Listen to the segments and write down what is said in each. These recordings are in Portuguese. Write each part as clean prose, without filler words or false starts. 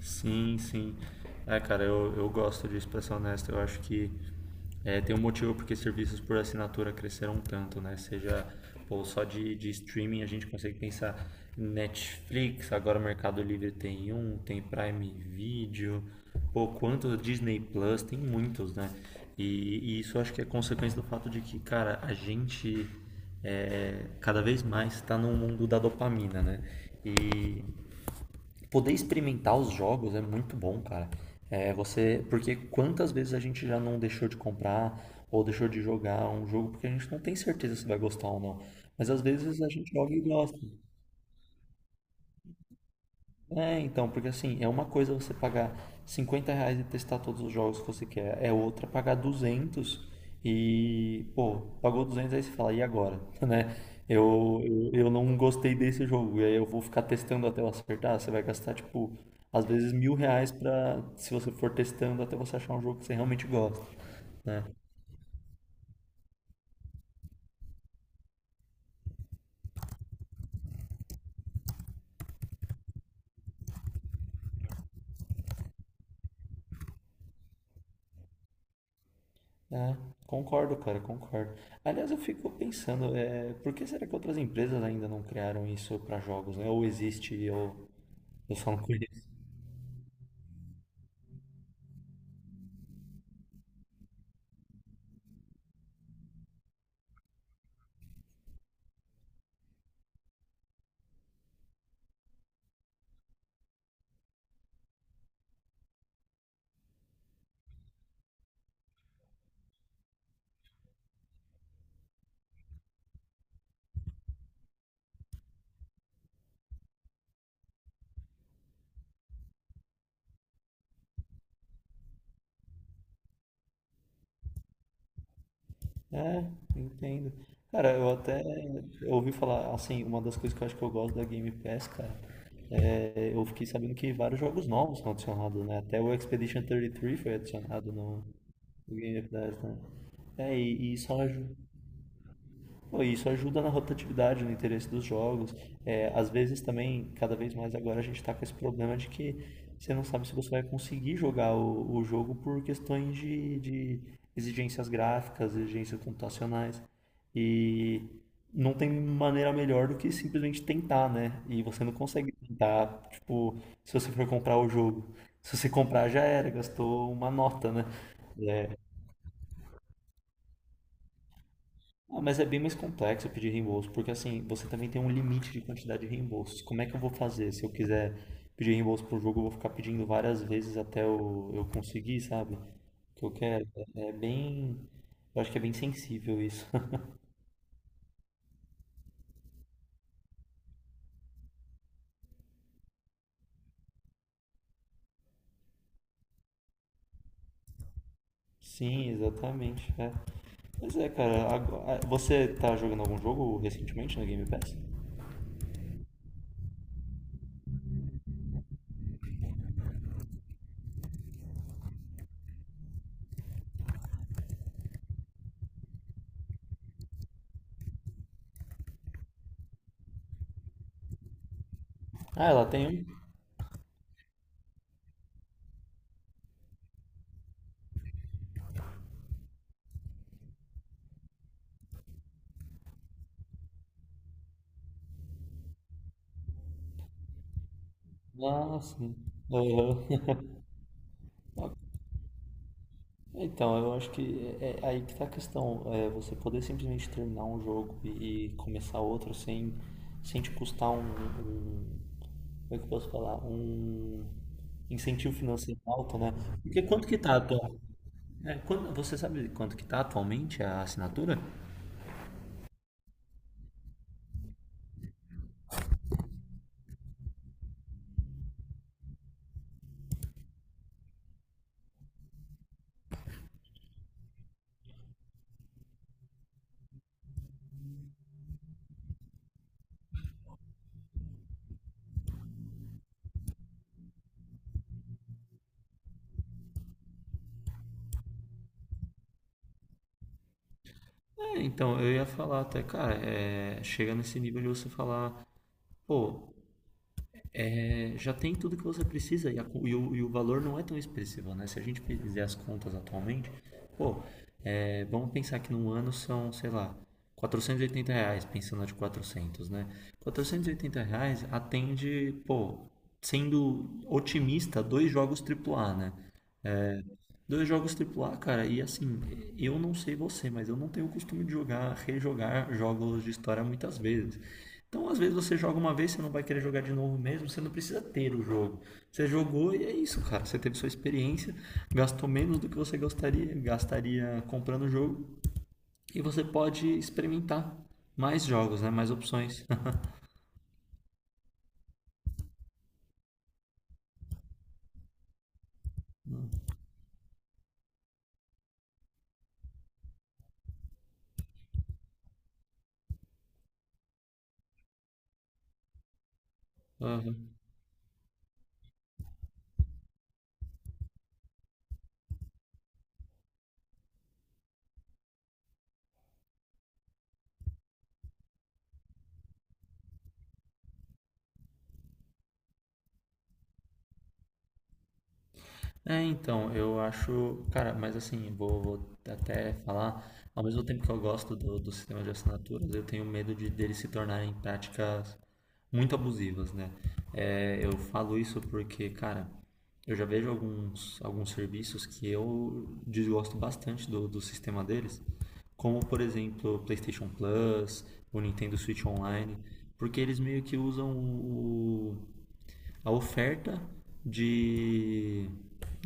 Sim, sim. É, cara, eu gosto disso, pra ser honesto. Eu acho que tem um motivo porque serviços por assinatura cresceram tanto, né? Seja, pô, só de streaming a gente consegue pensar Netflix, agora o Mercado Livre tem Prime Video, pô, quantos Disney Plus, tem muitos, né? E isso eu acho que é consequência do fato de que, cara, a gente cada vez mais está no mundo da dopamina, né? E poder experimentar os jogos é muito bom, cara. É, porque quantas vezes a gente já não deixou de comprar ou deixou de jogar um jogo porque a gente não tem certeza se vai gostar ou não. Mas às vezes a gente joga e gosta. É, então, porque assim, é uma coisa você pagar R$ 50 e testar todos os jogos que você quer, é outra pagar 200 e, pô, pagou 200 aí você fala, e agora? Né? Eu não gostei desse jogo, e aí eu vou ficar testando até eu acertar, você vai gastar, tipo, às vezes R$ 1.000 pra, se você for testando até você achar um jogo que você realmente gosta, né? É, Concordo, cara, concordo. Aliás, eu fico pensando, por que será que outras empresas ainda não criaram isso para jogos, né? Ou existe, ou eu só não conheço. É, entendo. Cara, eu até ouvi falar, assim, uma das coisas que eu acho que eu gosto da Game Pass, cara, é, eu fiquei sabendo que vários jogos novos são adicionados, né? Até o Expedition 33 foi adicionado no, no Game Pass, né? É, e pô, isso ajuda na rotatividade, no interesse dos jogos. É, às vezes também, cada vez mais agora, a gente está com esse problema de que você não sabe se você vai conseguir jogar o jogo por questões de exigências gráficas, exigências computacionais. E não tem maneira melhor do que simplesmente tentar, né? E você não consegue tentar, tipo, se você for comprar o jogo. Se você comprar, já era, gastou uma nota, né? Ah, mas é bem mais complexo pedir reembolso, porque assim, você também tem um limite de quantidade de reembolsos. Como é que eu vou fazer? Se eu quiser pedir reembolso pro jogo, eu vou ficar pedindo várias vezes até eu conseguir, sabe? O que eu quero. É, é bem. Eu acho que é bem sensível isso. Sim, exatamente. É. Mas é, cara, você tá jogando algum jogo recentemente na Game Pass? Ah, ela tem um? Ah, sim. Aham. Então, eu acho que é aí que tá a questão. É você poder simplesmente terminar um jogo e começar outro sem te custar Como é que eu posso falar? Um incentivo financeiro alto, né? Porque quanto que tá atual? Você sabe quanto que tá atualmente a assinatura? É, então, eu ia falar até, cara, chega nesse nível de você falar, pô, já tem tudo que você precisa e, e o valor não é tão expressivo, né? Se a gente fizer as contas atualmente, pô, vamos pensar que no ano são, sei lá, R$ 480, pensando de 400, né? R$ 480 atende, pô, sendo otimista, dois jogos triplo A, né? Dois jogos AAA, cara, e assim, eu não sei você, mas eu não tenho o costume de jogar, rejogar jogos de história muitas vezes. Então, às vezes você joga uma vez, você não vai querer jogar de novo mesmo, você não precisa ter o jogo. Você jogou e é isso, cara. Você teve sua experiência, gastou menos do que você gostaria, gastaria comprando o jogo, e você pode experimentar mais jogos, né? Mais opções. É, então, eu acho, cara, mas assim, vou até falar, ao mesmo tempo que eu gosto do sistema de assinaturas, eu tenho medo de deles se tornarem práticas muito abusivas, né? É, eu falo isso porque, cara, eu já vejo alguns serviços que eu desgosto bastante do sistema deles, como, por exemplo, o PlayStation Plus, o Nintendo Switch Online, porque eles meio que usam o a oferta de,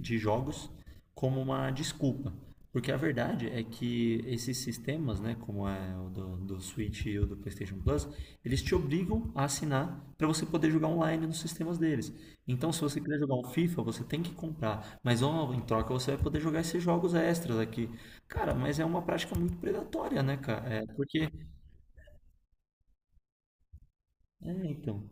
de jogos como uma desculpa. Porque a verdade é que esses sistemas, né, como é o do Switch e o do PlayStation Plus, eles te obrigam a assinar para você poder jogar online nos sistemas deles. Então, se você quiser jogar um FIFA, você tem que comprar. Mas ó, em troca você vai poder jogar esses jogos extras aqui. Cara, mas é uma prática muito predatória, né, cara? É, porque. É, então.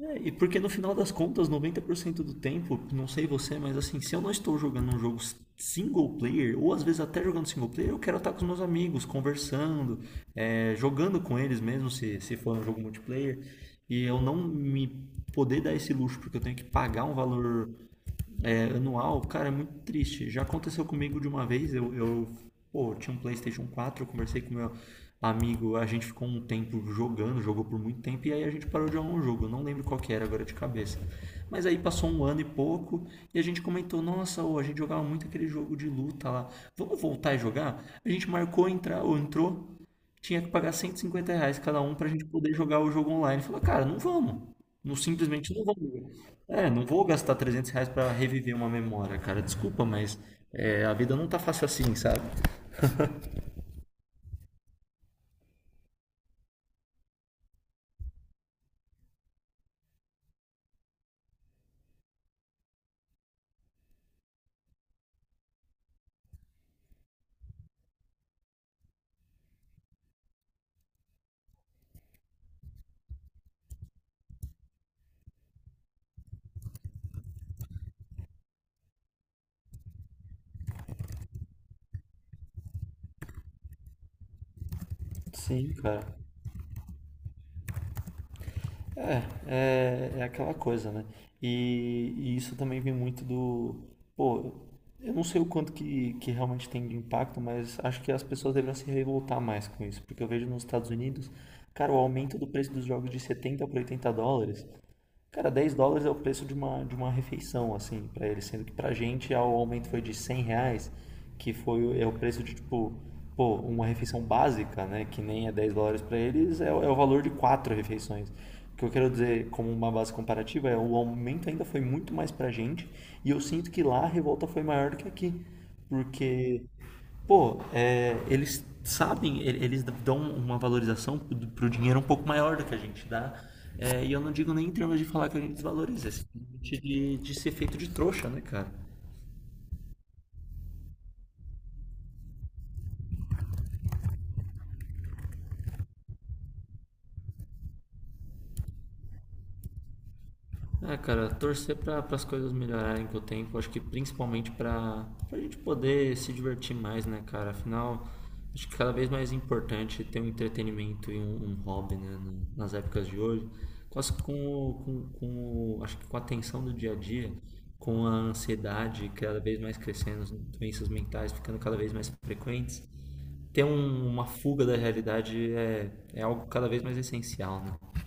É, e porque no final das contas, 90% do tempo, não sei você, mas assim, se eu não estou jogando um jogo single player, ou às vezes até jogando single player, eu quero estar com os meus amigos, conversando, é, jogando com eles mesmo, se for um jogo multiplayer, e eu não me poder dar esse luxo, porque eu tenho que pagar um valor anual, cara, é muito triste. Já aconteceu comigo de uma vez, eu tinha um PlayStation 4, eu conversei com meu amigo, a gente ficou um tempo jogando, jogou por muito tempo, e aí a gente parou de jogar um jogo, eu não lembro qual que era agora de cabeça. Mas aí passou um ano e pouco, e a gente comentou, nossa, ô, a gente jogava muito aquele jogo de luta lá, vamos voltar a jogar? A gente marcou, ou entrou, tinha que pagar R$ 150 cada um pra gente poder jogar o jogo online. Falei, cara, não vamos. Não, simplesmente não vamos. É, não vou gastar R$ 300 pra reviver uma memória, cara. Desculpa, mas é, a vida não tá fácil assim, sabe? Sim, cara. É, é, aquela coisa, né? E isso também vem muito do. Pô, eu não sei o quanto que realmente tem de impacto, mas acho que as pessoas deveriam se revoltar mais com isso. Porque eu vejo nos Estados Unidos, cara, o aumento do preço dos jogos de 70 para US$ 80. Cara, US$ 10 é o preço de uma refeição, assim, pra eles. Sendo que pra gente ah, o aumento foi de R$ 100, que foi, é o preço de, tipo, pô, uma refeição básica, né? Que nem é US$ 10 pra eles, é o valor de quatro refeições. O que eu quero dizer, como uma base comparativa, é o aumento ainda foi muito mais pra gente e eu sinto que lá a revolta foi maior do que aqui. Porque pô, eles sabem, eles dão uma valorização pro dinheiro um pouco maior do que a gente dá. É, e eu não digo nem em termos de falar que a gente desvaloriza, é simplesmente de ser feito de trouxa, né, cara? É, cara, torcer para as coisas melhorarem com o tempo, acho que principalmente para a gente poder se divertir mais, né, cara? Afinal, acho que cada vez mais importante ter um entretenimento e um hobby, né, nas épocas de hoje. Quase com, o- com, com, o- Acho que com a tensão do dia a dia, com a ansiedade cada vez mais crescendo, as doenças mentais ficando cada vez mais frequentes, ter uma fuga da realidade é algo cada vez mais essencial, né?